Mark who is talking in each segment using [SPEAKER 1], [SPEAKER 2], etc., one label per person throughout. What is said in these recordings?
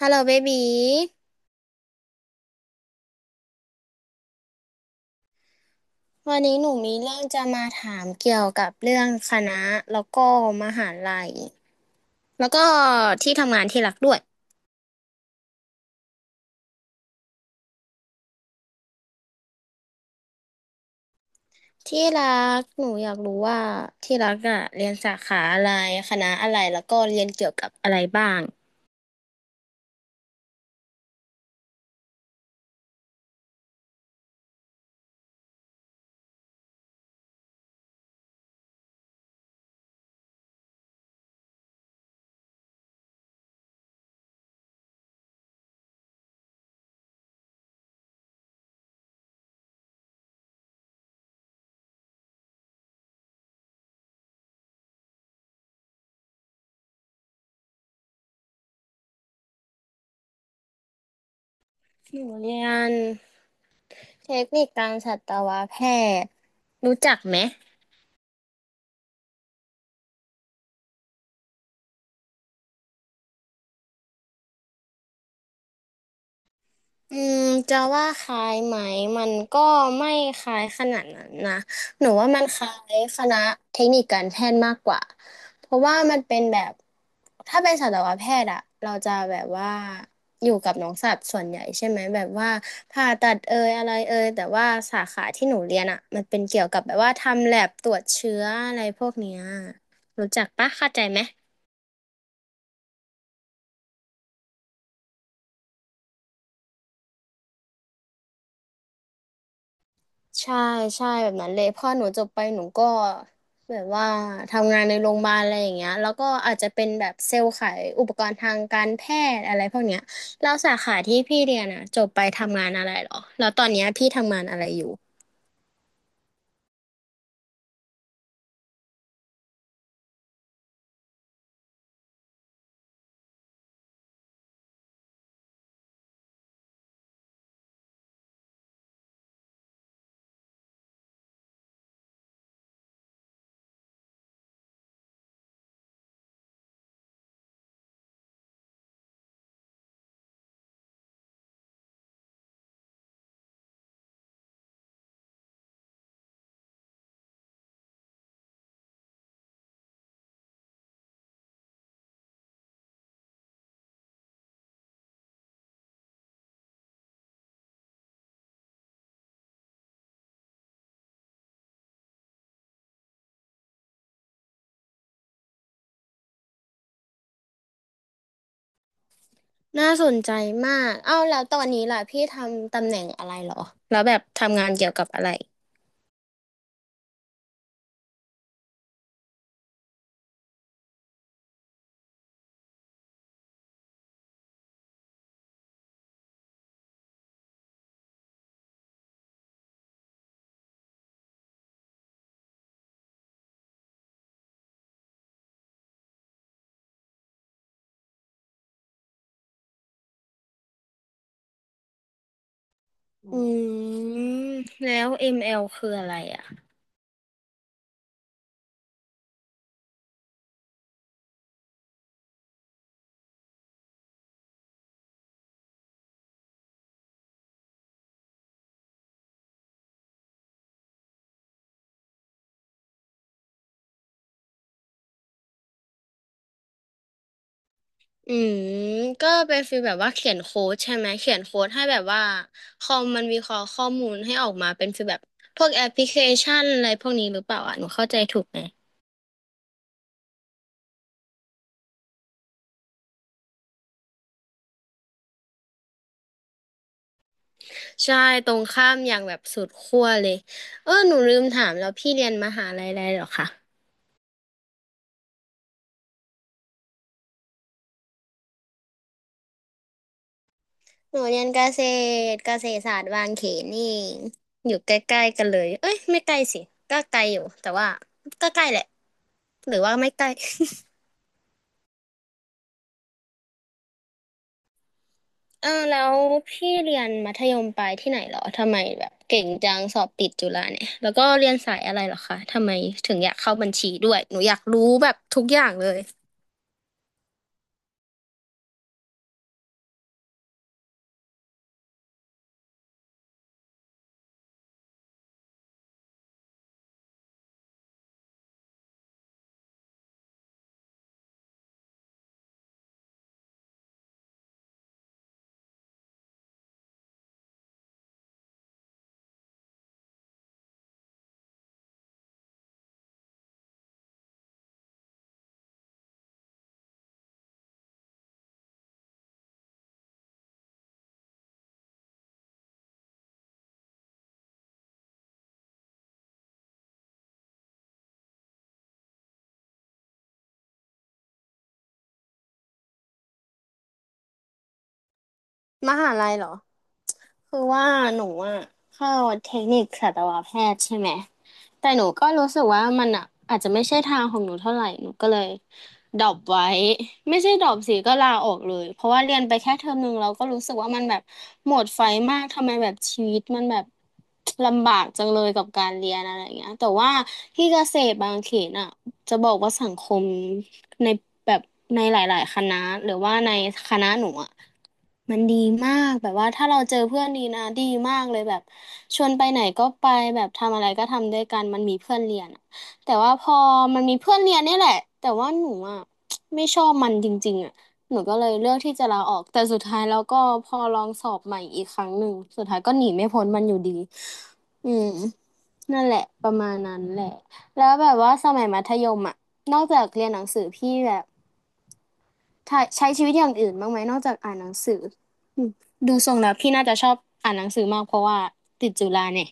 [SPEAKER 1] ฮัลโหลเบบีวันนี้หนูมีเรื่องจะมาถามเกี่ยวกับเรื่องคณะแล้วก็มหาลัยแล้วก็ที่ทำงานที่รักด้วยที่รักหนูอยากรู้ว่าที่รักอะเรียนสาขาอะไรคณะอะไรแล้วก็เรียนเกี่ยวกับอะไรบ้างหนูเรียนเทคนิคการสัตวแพทย์รู้จักไหม อืมจะว่าคล้ายไหมมันก็ไม่คล้ายขนาดนั้นนะหนูว่ามันคล้ายคณะเทคนิคการแพทย์มากกว่าเพราะว่ามันเป็นแบบถ้าเป็นสัตวแพทย์อะเราจะแบบว่าอยู่กับน้องสัตว์ส่วนใหญ่ใช่ไหมแบบว่าผ่าตัดเอยอะไรเอยแต่ว่าสาขาที่หนูเรียนอะมันเป็นเกี่ยวกับแบบว่าทำแลบตรวจเชื้ออะไรพวกเนี้ยรู้จักปะเข้าใจไหม ใช่ใช่แบบนั้นเลยพอหนูจบไปหนูก็แบบว่าทำงานในโรงพยาบาลอะไรอย่างเงี้ยแล้วก็อาจจะเป็นแบบเซลล์ขายอุปกรณ์ทางการแพทย์อะไรพวกเนี้ยแล้วสาขาที่พี่เรียนอ่ะจบไปทำงานอะไรเหรอแล้วตอนเนี้ยพี่ทำงานอะไรอยู่น่าสนใจมากเอ้าแล้วตอนนี้ล่ะพี่ทำตำแหน่งอะไรเหรอแล้วแบบทำงานเกี่ยวกับอะไรอืมแล้ว ML คืออะไรอ่ะ อืมก็เป็นฟีลแบบว่าเขียนโค้ดใช่ไหมเขียนโค้ดให้แบบว่าคอมมันวิเคราะห์ข้อมูลให้ออกมาเป็นฟีลแบบพวกแอปพลิเคชันอะไรพวกนี้หรือเปล่าอ่ะหนูเข้าใจถูกไหมใช่ตรงข้ามอย่างแบบสุดขั้วเลยเออหนูลืมถามแล้วพี่เรียนมหาลัยอะไรเหรอคะหนูเรียนเกษตรเกษตรศาสตร์บางเขนนี่เองอยู่ใกล้ๆกันเลยเอ้ยไม่ใกล้สิก็ไกลอยู่แต่ว่าก็ใกล้แหละหรือว่าไม่ใกล้ เออแล้วพี่เรียนมัธยมปลายที่ไหนเหรอทำไมแบบเก่งจังสอบติดจุฬาเนี่ยแล้วก็เรียนสายอะไรเหรอคะทำไมถึงอยากเข้าบัญชีด้วยหนูอยากรู้แบบทุกอย่างเลยมหาลัยเหรอ คือว่าหนูอะเข้าเทคนิคสัตวแพทย์ใช่ไหมแต่หนูก็รู้สึกว่ามันอะอาจจะไม่ใช่ทางของหนูเท่าไหร่หนูก็เลยดรอปไว้ไม่ใช่ดรอปสิก็ลาออกเลยเพราะว่าเรียนไปแค่เทอมหนึ่งเราก็รู้สึกว่ามันแบบหมดไฟมากทำไมแบบชีวิตมันแบบลำบากจังเลยกับการเรียนอะไรอย่างเงี้ยแต่ว่าที่เกษตรบางเขนอะจะบอกว่าสังคมในแบบในหลายๆคณะหรือว่าในคณะหนูอะ มันดีมากแบบว่าถ้าเราเจอเพื่อนดีนะดีมากเลยแบบชวนไปไหนก็ไปแบบทำอะไรก็ทำด้วยกันมันมีเพื่อนเรียนอะแต่ว่าพอมันมีเพื่อนเรียนเนี่ยแหละแต่ว่าหนูอ่ะไม่ชอบมันจริงๆอ่ะหนูก็เลยเลือกที่จะลาออกแต่สุดท้ายแล้วก็พอลองสอบใหม่อีกครั้งหนึ่งสุดท้ายก็หนีไม่พ้นมันอยู่ดีอืมนั่นแหละประมาณนั้นแหละแล้วแบบว่าสมัยมัธยมอ่ะนอกจากเรียนหนังสือพี่แบบใช้ชีวิตอย่างอื่นบ้างไหมนอกจากอ่านหนังสือ ดูทรงแล้วพี่น่าจะชอบอ่านหนังสือมากเพราะว่าติดจุฬาเนี่ย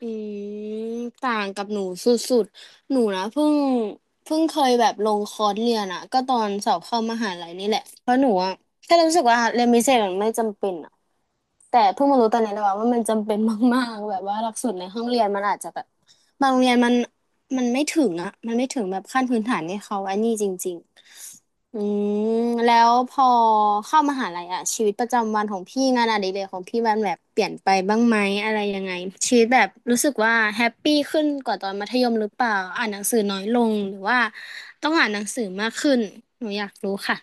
[SPEAKER 1] อืมต่างกับหนูสุดๆหนูนะเพิ่งเพิ่งเคยแบบลงคอร์สเรียนอะก็ตอนสอบเข้ามหาลัยนี่แหละเพราะหนูอะแค่รู้สึกว่าเรียนพิเศษมันไม่จำเป็นอะ แต่เพิ่งมารู้ตอนนี้นะว่ามันจำเป็นมากๆแบบว่าหลักสูตรในห้องเรียนมันอาจจะแบบบางโรงเรียนมันไม่ถึงอ่ะมันไม่ถึงแบบขั้นพื้นฐานให้เขาอันนี้จริงๆอืมแล้วพอเข้ามหาลัยอ่ะชีวิตประจำวันของพี่งานอดิเรกของพี่มันแบบเปลี่ยนไปบ้างไหมอะไรยังไงชีวิตแบบรู้สึกว่าแฮปปี้ขึ้นกว่าตอนมัธยมหรือเปล่าอ่านหนังสือน้อยลงหรือว่าต้องอ่านหนังสือมากขึ้นหนูอยากรู้ค่ะ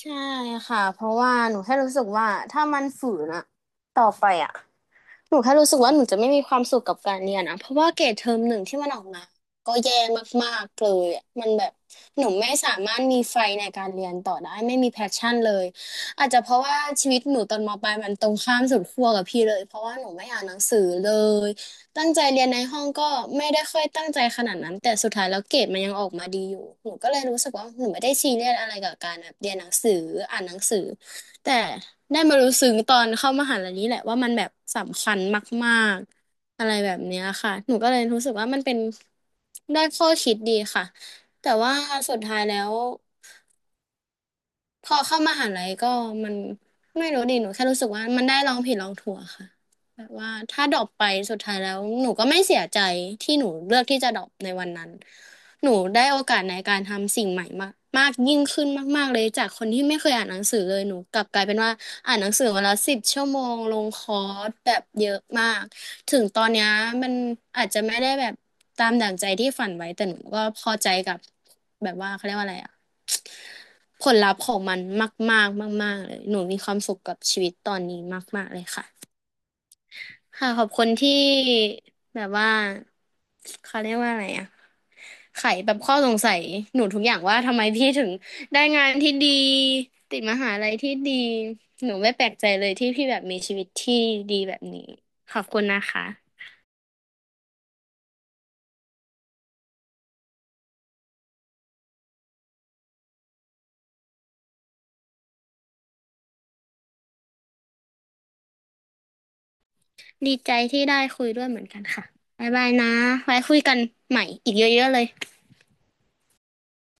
[SPEAKER 1] ใช่ค่ะ เพราะว่าหนูแค่รู้สึกว่าถ้ามันฝืนอะต่อไปอะ หนูแค่รู้สึกว่าหนูจะไม่มีความสุขกับการเรียนอะเพราะว่าเกรดเทอมหนึ่งที่มันออกมาก็แย่มากๆเลยอะมันแบบหนูไม่สามารถมีไฟในการเรียนต่อได้ไม่มีแพชชั่นเลยอาจจะเพราะว่าชีวิตหนูตอนมปลายมันตรงข้ามสุดขั้วกับพี่เลยเพราะว่าหนูไม่อ่านหนังสือเลยตั้งใจเรียนในห้องก็ไม่ได้ค่อยตั้งใจขนาดนั้นแต่สุดท้ายแล้วเกรดมันยังออกมาดีอยู่หนูก็เลยรู้สึกว่าหนูไม่ได้ซีเรียสอะไรกับการแบบเรียนหนังสืออ่านหนังสือ แต่ได้มารู้ซึ้งตอนเข้ามหาลัยนี้แหละว่ามันแบบสำคัญมากๆอะไรแบบเนี้ยค่ะ หนูก็เลยรู้สึกว่ามันเป็นได้ข้อคิดดีค่ะ แต่ว่าสุดท้ายแล้ว พอเข้ามหาลัยก็มันไม่รู้ดิหนูแค่รู้สึกว่ามันได้ลองผิดลองถูกอะค่ะแบบว่าถ้าดรอปไปสุดท้ายแล้วหนูก็ไม่เสียใจที่หนูเลือกที่จะดรอปในวันนั้นหนูได้โอกาสในการทำสิ่งใหม่มากมากยิ่งขึ้นมากๆเลยจากคนที่ไม่เคยอ่านหนังสือเลยหนูกลับกลายเป็นว่าอ่านหนังสือวันละ10 ชั่วโมงลงคอร์สแบบเยอะมากถึงตอนเนี้ยมันอาจจะไม่ได้แบบตามดั่งใจที่ฝันไว้แต่หนูก็พอใจกับแบบว่าเขาเรียกว่าอะไรอะ ผลลัพธ์ของมันมากๆมากๆเลยหนูมีความสุขกับชีวิตตอนนี้มากๆเลยค่ะค่ะขอบคุณที่แบบว่าเขาเรียกว่าอะไรอะไขแบบข้อสงสัยหนูทุกอย่างว่าทำไมพี่ถึงได้งานที่ดีติดมหาลัยที่ดีหนูไม่แปลกใจเลยที่พี่แบบมีชีวิตที่ดีแบบนี้ขอบคุณนะคะดีใจที่ได้คุยด้วยเหมือนกันค่ะบ๊ายบายนะไว้คุยกันใหม่อีกเยอะๆเลย